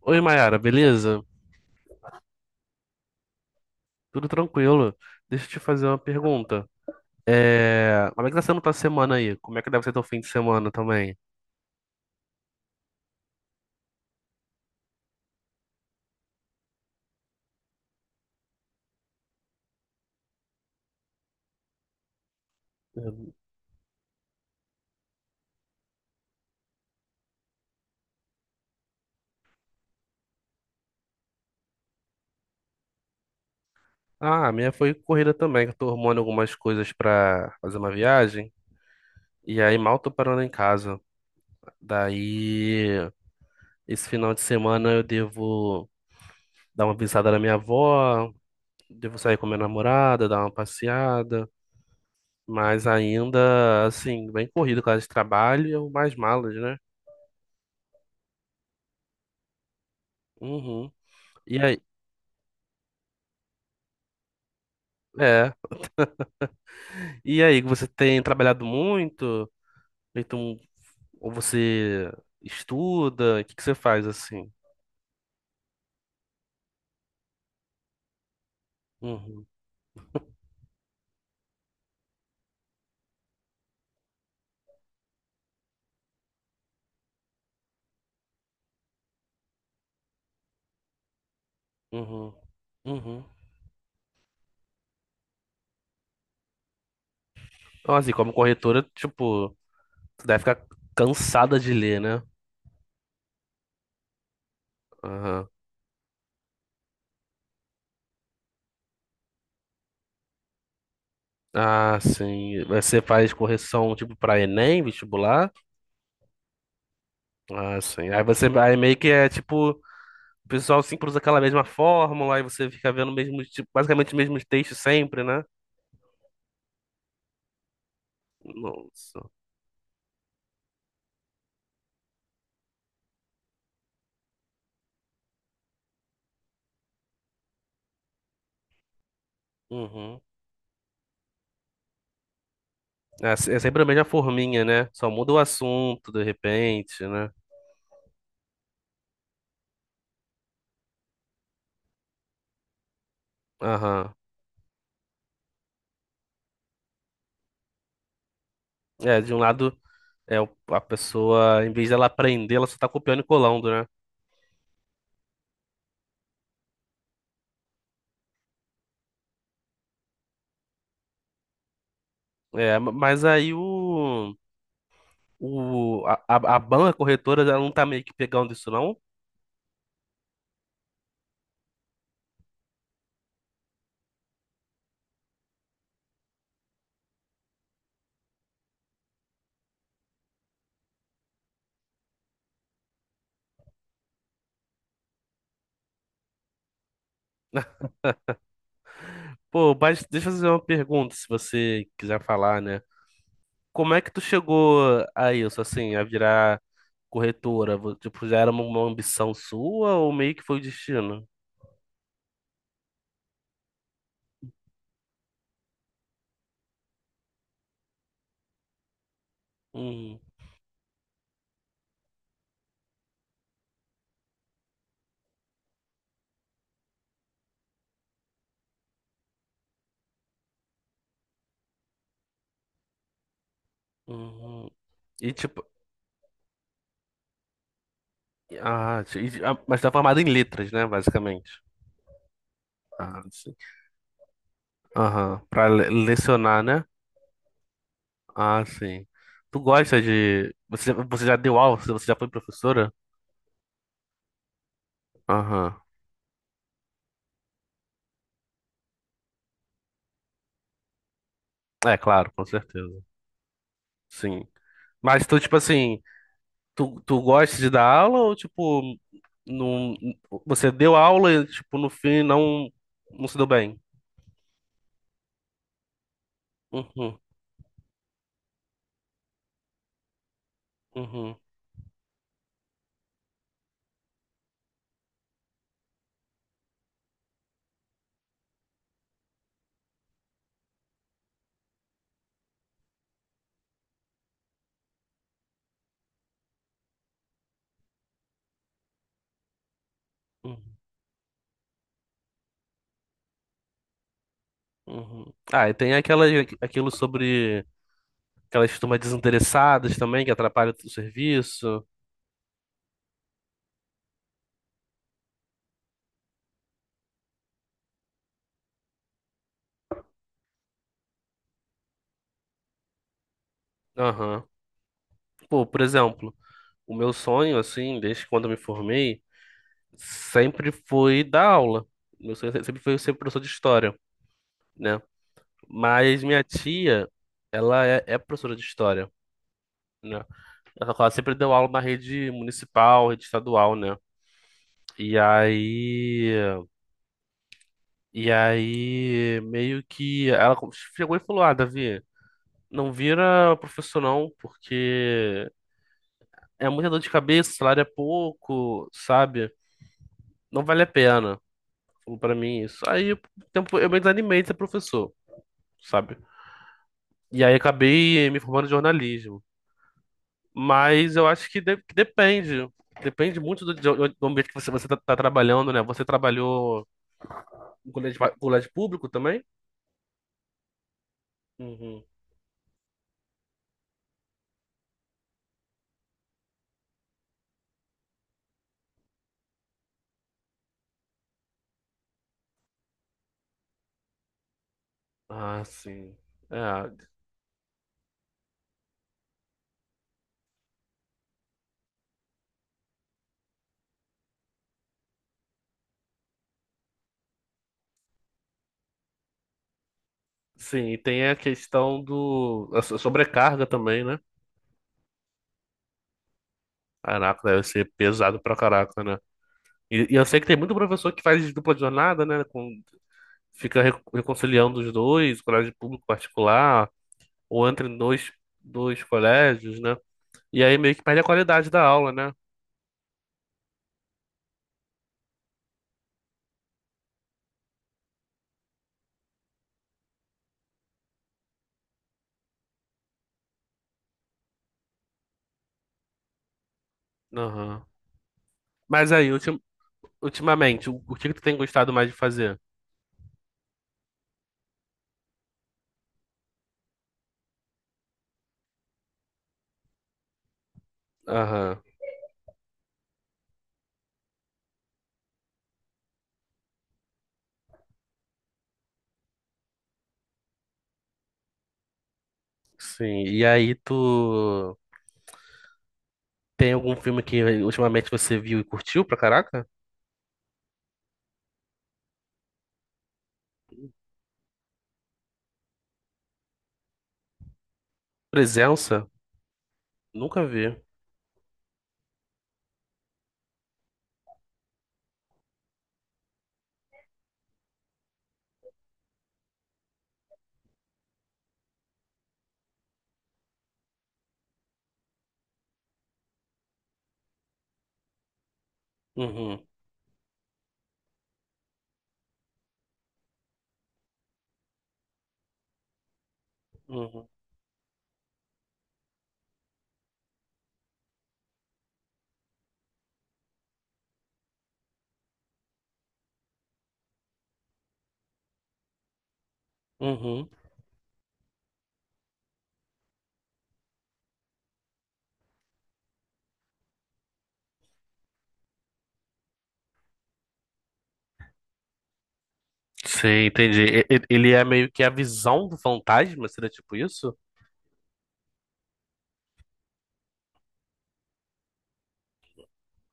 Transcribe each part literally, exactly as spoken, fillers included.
Oi, Mayara, beleza? Tudo tranquilo? Deixa eu te fazer uma pergunta. É... Como é que tá sendo tua semana aí? Como é que deve ser teu fim de semana também? Uhum. Ah, a minha foi corrida também, que eu tô arrumando algumas coisas pra fazer uma viagem. E aí mal tô parando em casa. Daí, esse final de semana eu devo dar uma visada na minha avó, devo sair com minha namorada, dar uma passeada. Mas ainda, assim, bem corrido com causa de trabalho e mais malas, né? Uhum. E aí? É. E aí, você tem trabalhado muito? Então, ou você estuda? O que que você faz assim? Uhum, uhum, uhum. Então, assim, como corretora, tipo, tu deve ficar cansada de ler, né? Aham. Ah, sim. Você faz correção, tipo, pra Enem, vestibular? Ah, sim. Aí você, aí meio que é, tipo, o pessoal sempre usa aquela mesma fórmula, aí você fica vendo o mesmo, tipo, basicamente os mesmos textos sempre, né? Nossa. Uhum. É se- é sempre a mesma forminha, né? Só muda o assunto de repente, né? Aham. É, de um lado, é o- a pessoa, em vez dela aprender, ela só tá copiando e colando, né? É, ma- mas aí o, o a, a a banca corretora, ela não tá meio que pegando isso, não? Pô, mas deixa eu fazer uma pergunta, se você quiser falar, né? Como é que tu chegou a isso, assim, a virar corretora? Vo- Tipo, já era uma uma ambição sua ou meio que foi o destino? Hum, hum. hum. E tipo, Ah, ti- e- ah, mas tá formado em letras, né, basicamente. Ah, sim. Aham, pra le- lecionar, né? Ah, sim. Tu gosta de... Você, já- você já deu aula? Você já foi professora? Aham. É, claro, com certeza. Sim. Mas tu, tipo assim, tu, tu gosta de dar aula ou, tipo, não, você deu aula e, tipo, no fim não, não se deu bem? Uhum, uhum, uhum, uhum. Ah, e tem aquela, aquilo sobre... Aquelas turmas desinteressadas também, que atrapalham o serviço. Aham. Pô, por exemplo, o meu sonho, assim, desde quando eu me formei, sempre foi dar aula. Meu sonho se- sempre foi ser professor de história, né? Mas minha tia, ela é, é professora de história, né? Ela ela sempre deu aula na rede municipal, rede estadual, né? E aí, e aí, meio que ela chegou e falou: Ah, Davi, não vira professor não, porque é muita dor de cabeça, o salário é pouco, sabe? Não vale a pena. Falou pra mim isso. Aí tempo, eu me desanimei de ser professor, sabe? E aí acabei me formando em jornalismo. Mas eu acho que, de- que depende. Depende muito do, do- do ambiente que você, você tá, tá trabalhando, né? Você trabalhou em colégio, pa- colégio público também? Uhum. Ah, sim. É, sim, e tem a questão do... A so- sobrecarga também, né? Caraca, deve ser pesado pra caraca, né? E, e eu sei que tem muito professor que faz dupla jornada, né? Com, fica re- reconciliando os dois, colégio público particular, ou entra em dois, dois colégios, né? E aí meio que perde a qualidade da aula, né? Aham. Mas aí, ultim- ultimamente, o, o que que tu tem gostado mais de fazer? Aham. Sim. E aí tu tem algum filme que ultimamente você viu e curtiu pra caraca? Presença? Nunca vi. Uhum. Uhum. Uhum. Sim, entendi. E- e- Ele é meio que a visão do fantasma, seria tipo isso?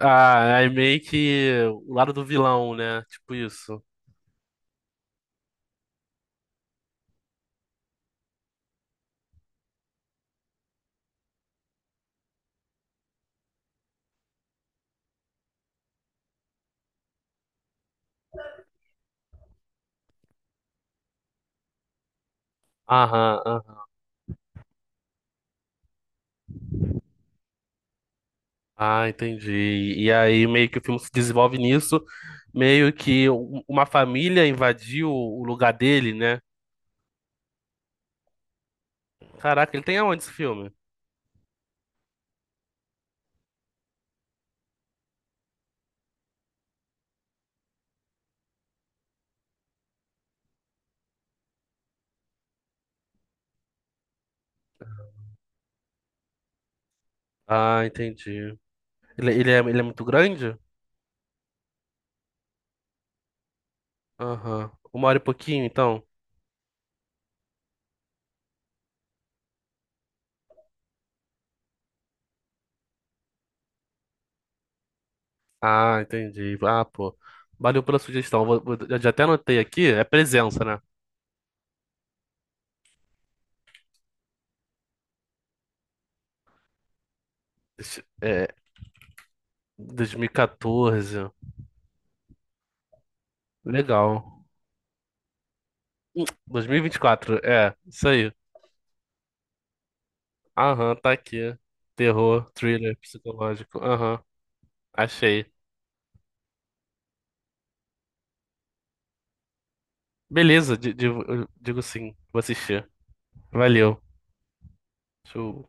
Ah, é meio que o lado do vilão, né? Tipo isso. Aham, aham. Ah, entendi. E aí meio que o filme se desenvolve nisso, meio que u- uma família invadiu o lugar dele, né? Caraca, ele tem aonde esse filme? Ah, entendi. Ele, ele é, ele é muito grande? Aham. Uma hora e pouquinho, então? Ah, entendi. Ah, pô. Valeu pela sugestão. Vou- vou- já já até anotei aqui. É presença, né? Deixa- É, dois mil e quatorze. Legal. dois mil e vinte e quatro, é, isso aí. Aham, tá aqui. Terror, thriller, psicológico. Aham, achei. Beleza, di- digo, digo sim, vou assistir. Valeu. Deixa eu